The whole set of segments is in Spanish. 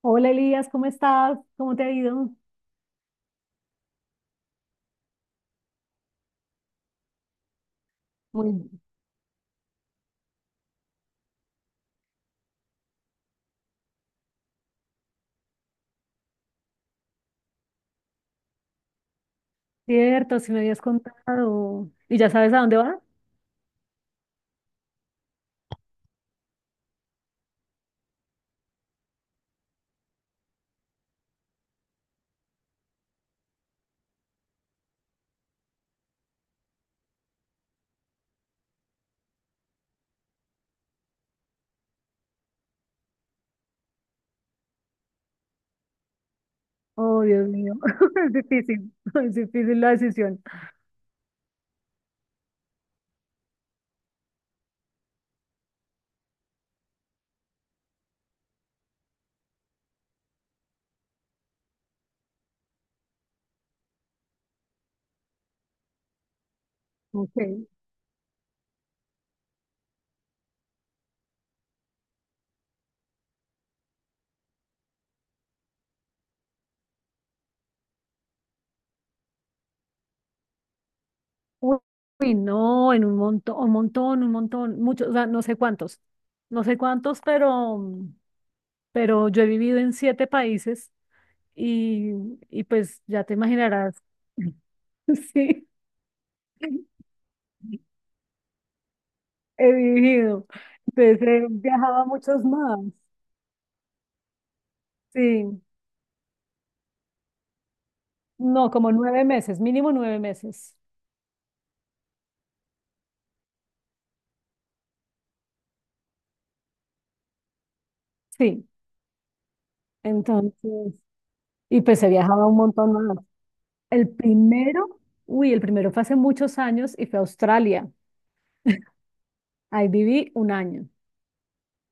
Hola Elías, ¿cómo estás? ¿Cómo te ha ido? Muy. Cierto, si me habías contado. ¿Y ya sabes a dónde va? Oh, Dios mío, es difícil, es difícil la decisión. Ok. Uy, no, en un montón, un montón, un montón, muchos, o sea, no sé cuántos, no sé cuántos, pero yo he vivido en siete países y, y pues ya te imaginarás. Sí, he vivido, entonces he viajado a muchos más, sí. No, como 9 meses, mínimo 9 meses. Sí, entonces, y pues he viajado un montón más. El primero, uy, el primero fue hace muchos años y fue a Australia. Ahí viví un año.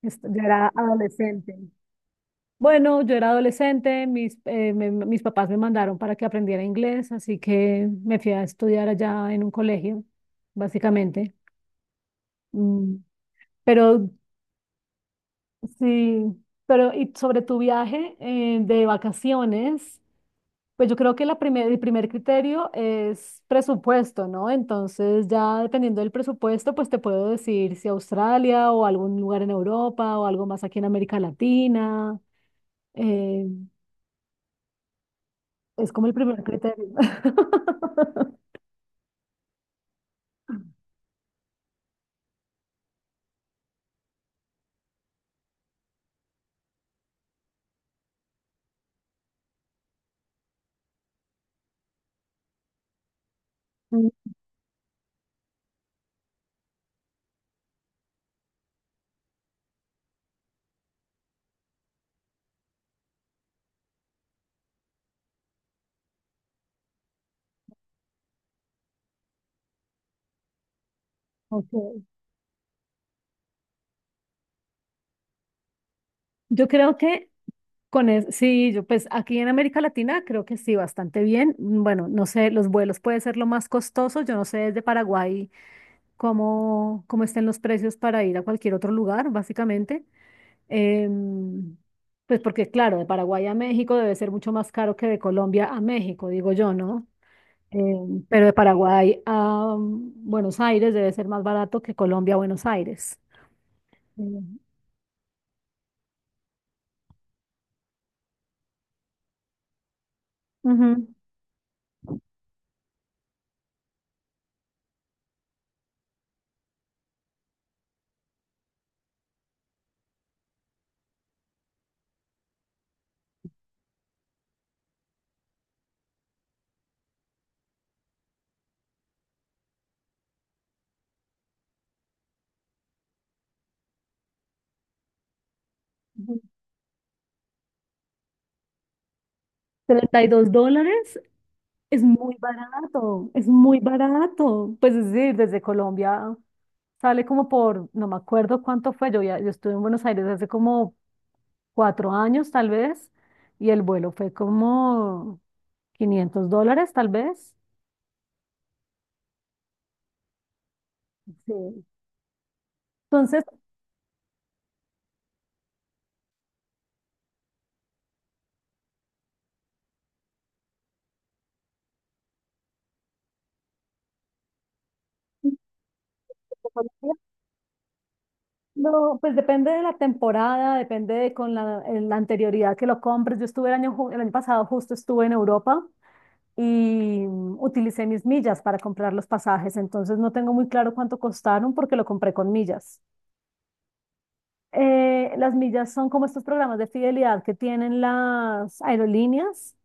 Yo era adolescente. Bueno, yo era adolescente, mis papás me mandaron para que aprendiera inglés, así que me fui a estudiar allá en un colegio, básicamente. Mm. Pero sí, pero y sobre tu viaje de vacaciones. Pues yo creo que el primer criterio es presupuesto, ¿no? Entonces ya dependiendo del presupuesto, pues te puedo decir si Australia o algún lugar en Europa o algo más aquí en América Latina. Eh, es como el primer criterio. Mm, ok. Yo creo que con eso, sí, yo pues aquí en América Latina creo que sí, bastante bien. Bueno, no sé, los vuelos puede ser lo más costoso. Yo no sé desde Paraguay cómo estén los precios para ir a cualquier otro lugar, básicamente. Em, pues porque, claro, de Paraguay a México debe ser mucho más caro que de Colombia a México, digo yo, ¿no? Pero de Paraguay a Buenos Aires debe ser más barato que Colombia a Buenos Aires. Em, Ujú, ujú. $32 es muy barato, es muy barato. Pues es decir, desde Colombia sale como por, no me acuerdo cuánto fue, yo, ya, yo estuve en Buenos Aires hace como 4 años tal vez, y el vuelo fue como $500 tal vez. Sí. Entonces, no, pues depende de la temporada, depende de con la anterioridad que lo compres. Yo estuve el año, el año pasado, justo estuve en Europa y utilicé mis millas para comprar los pasajes, entonces no tengo muy claro cuánto costaron porque lo compré con millas. Las millas son como estos programas de fidelidad que tienen las aerolíneas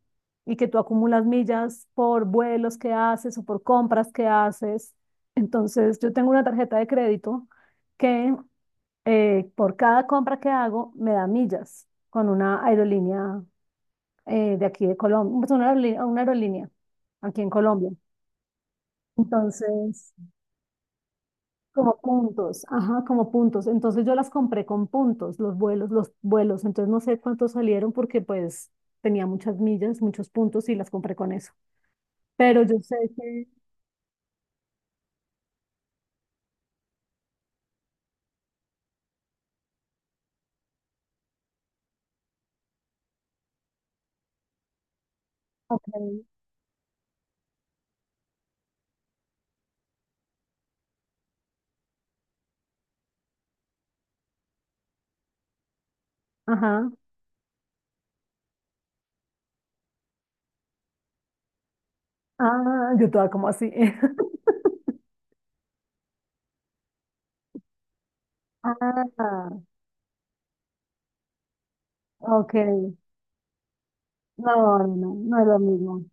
y que tú acumulas millas por vuelos que haces o por compras que haces. Entonces, yo tengo una tarjeta de crédito que por cada compra que hago me da millas con una aerolínea de aquí de Colombia, pues, una aerolínea aquí en Colombia. Entonces, como puntos, ajá, como puntos. Entonces yo las compré con puntos, los vuelos, los vuelos. Entonces no sé cuántos salieron porque pues tenía muchas millas, muchos puntos y las compré con eso. Pero yo sé que, ok, ajá, ah, yo estaba como así. Ah, ok. No, no, no, no es lo mismo.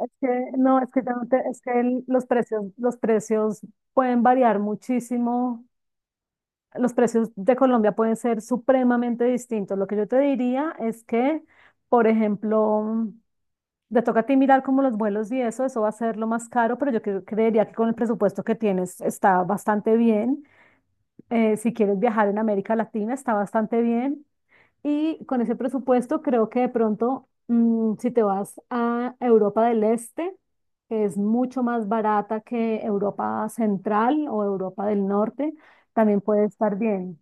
Es que, no, es que, ya no te-, es que el-, los precios pueden variar muchísimo. Los precios de Colombia pueden ser supremamente distintos. Lo que yo te diría es que, por ejemplo, te toca a ti mirar como los vuelos y eso va a ser lo más caro, pero yo creería que con el presupuesto que tienes está bastante bien. Si quieres viajar en América Latina, está bastante bien. Y con ese presupuesto creo que de pronto, si te vas a Europa del Este, que es mucho más barata que Europa Central o Europa del Norte, también puede estar bien.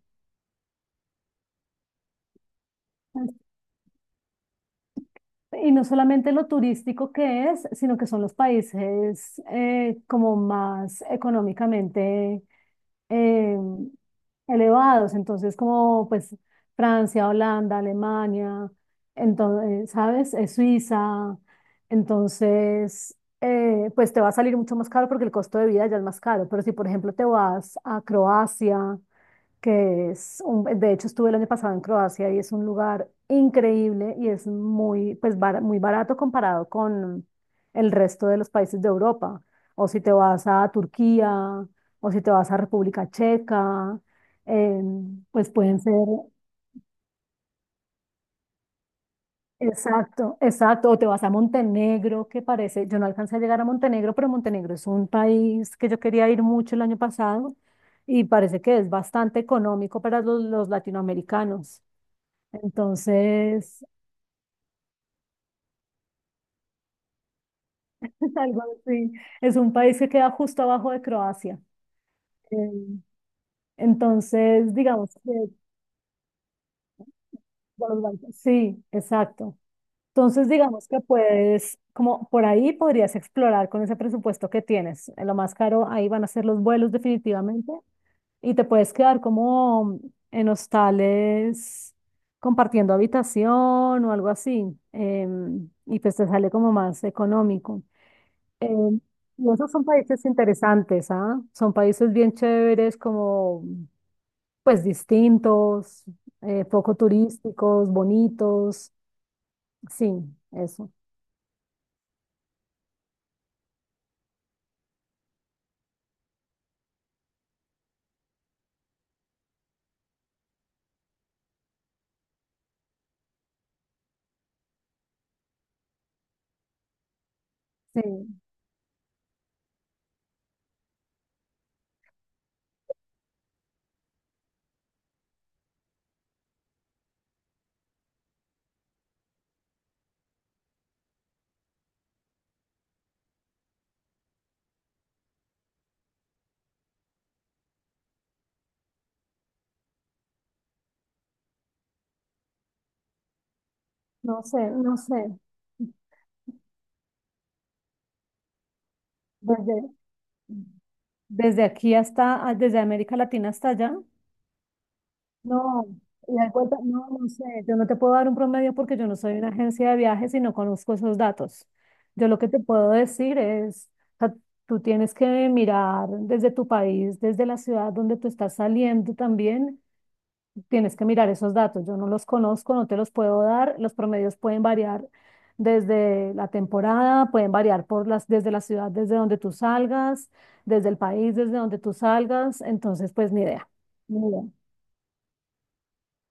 Y no solamente lo turístico que es, sino que son los países como más económicamente eh, elevados. Entonces, como pues Francia, Holanda, Alemania, entonces, ¿sabes? Suiza. Entonces, pues te va a salir mucho más caro porque el costo de vida ya es más caro. Pero si, por ejemplo, te vas a Croacia que es un, de hecho estuve el año pasado en Croacia y es un lugar increíble y es muy, pues, muy barato comparado con el resto de los países de Europa. O si te vas a Turquía, o si te vas a República Checa, pues pueden ser, exacto, exacto, o te vas a Montenegro, que parece, yo no alcancé a llegar a Montenegro, pero Montenegro es un país que yo quería ir mucho el año pasado y parece que es bastante económico para los latinoamericanos. Entonces, algo así. Es un país que queda justo abajo de Croacia. Eh, Entonces, digamos que de los Balcanes-, sí, exacto. Entonces, digamos que puedes, como por ahí podrías explorar con ese presupuesto que tienes. Lo más caro ahí van a ser los vuelos definitivamente y te puedes quedar como en hostales compartiendo habitación o algo así. Y pues te sale como más económico. Eh, y esos son países interesantes, ¿ah? Son países bien chéveres, como pues distintos, poco turísticos, bonitos. Sí, eso. Sí, no sé, no sé. Desde, desde aquí hasta, desde América Latina hasta allá. No, la vuelta, no, no sé, yo no te puedo dar un promedio porque yo no soy una agencia de viajes y no conozco esos datos. Yo lo que te puedo decir es, o sea, tú tienes que mirar desde tu país, desde la ciudad donde tú estás saliendo también, tienes que mirar esos datos. Yo no los conozco, no te los puedo dar. Los promedios pueden variar desde la temporada, pueden variar por las, desde la ciudad, desde donde tú salgas, desde el país, desde donde tú salgas. Entonces, pues ni idea. Ni idea.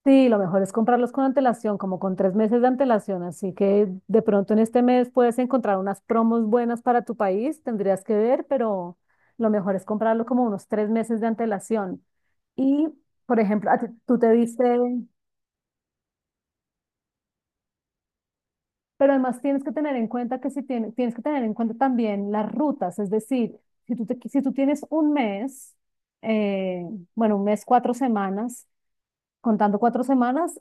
Sí, lo mejor es comprarlos con antelación, como con 3 meses de antelación. Así que de pronto en este mes puedes encontrar unas promos buenas para tu país, tendrías que ver, pero lo mejor es comprarlo como unos 3 meses de antelación. Y, por ejemplo, tú te viste, pero además tienes que tener en cuenta que si tienes, que tener en cuenta también las rutas, es decir, si tú tienes un mes, eh, bueno, un mes, 4 semanas, contando 4 semanas,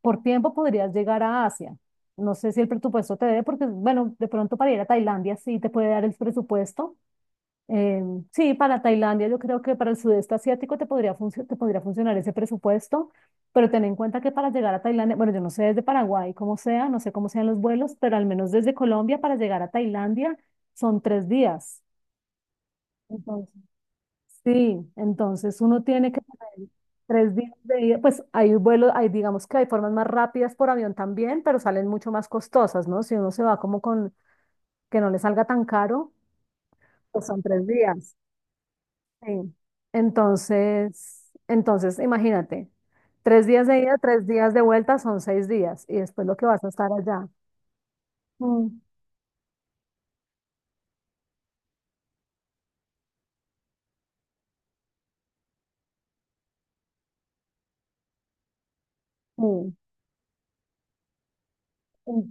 por tiempo podrías llegar a Asia. No sé si el presupuesto te dé, porque, bueno, de pronto para ir a Tailandia sí te puede dar el presupuesto. Eh, sí, para Tailandia yo creo que para el sudeste asiático te podría funcionar ese presupuesto, pero ten en cuenta que para llegar a Tailandia, bueno, yo no sé desde Paraguay cómo sea, no sé cómo sean los vuelos, pero al menos desde Colombia para llegar a Tailandia son 3 días. Entonces, Sí, entonces uno tiene que tener 3 días de ida. Pues hay vuelos, hay digamos que hay formas más rápidas por avión también, pero salen mucho más costosas, ¿no? Si uno se va como con que no le salga tan caro, pues son 3 días. Sí. Entonces, imagínate, 3 días de ida, 3 días de vuelta son 6 días y después lo que vas a estar allá. Mm, mm, mm.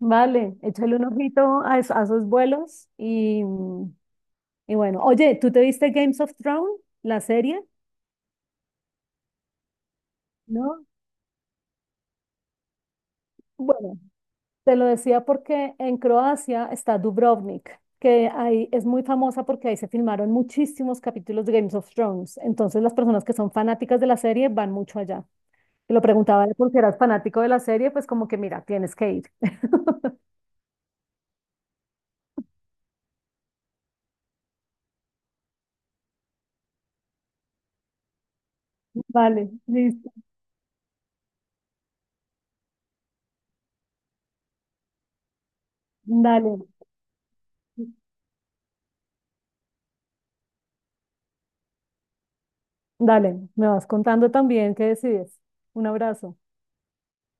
Vale, échale un ojito a esos vuelos y. Y bueno, oye, ¿tú te viste Games of Thrones, la serie? ¿No? Bueno, te lo decía porque en Croacia está Dubrovnik, que ahí es muy famosa porque ahí se filmaron muchísimos capítulos de Games of Thrones. Entonces las personas que son fanáticas de la serie van mucho allá. Y lo preguntaba de por qué eras fanático de la serie, pues como que mira, tienes que ir. Vale, listo, dale. Dale, me vas contando también qué decides. Un abrazo.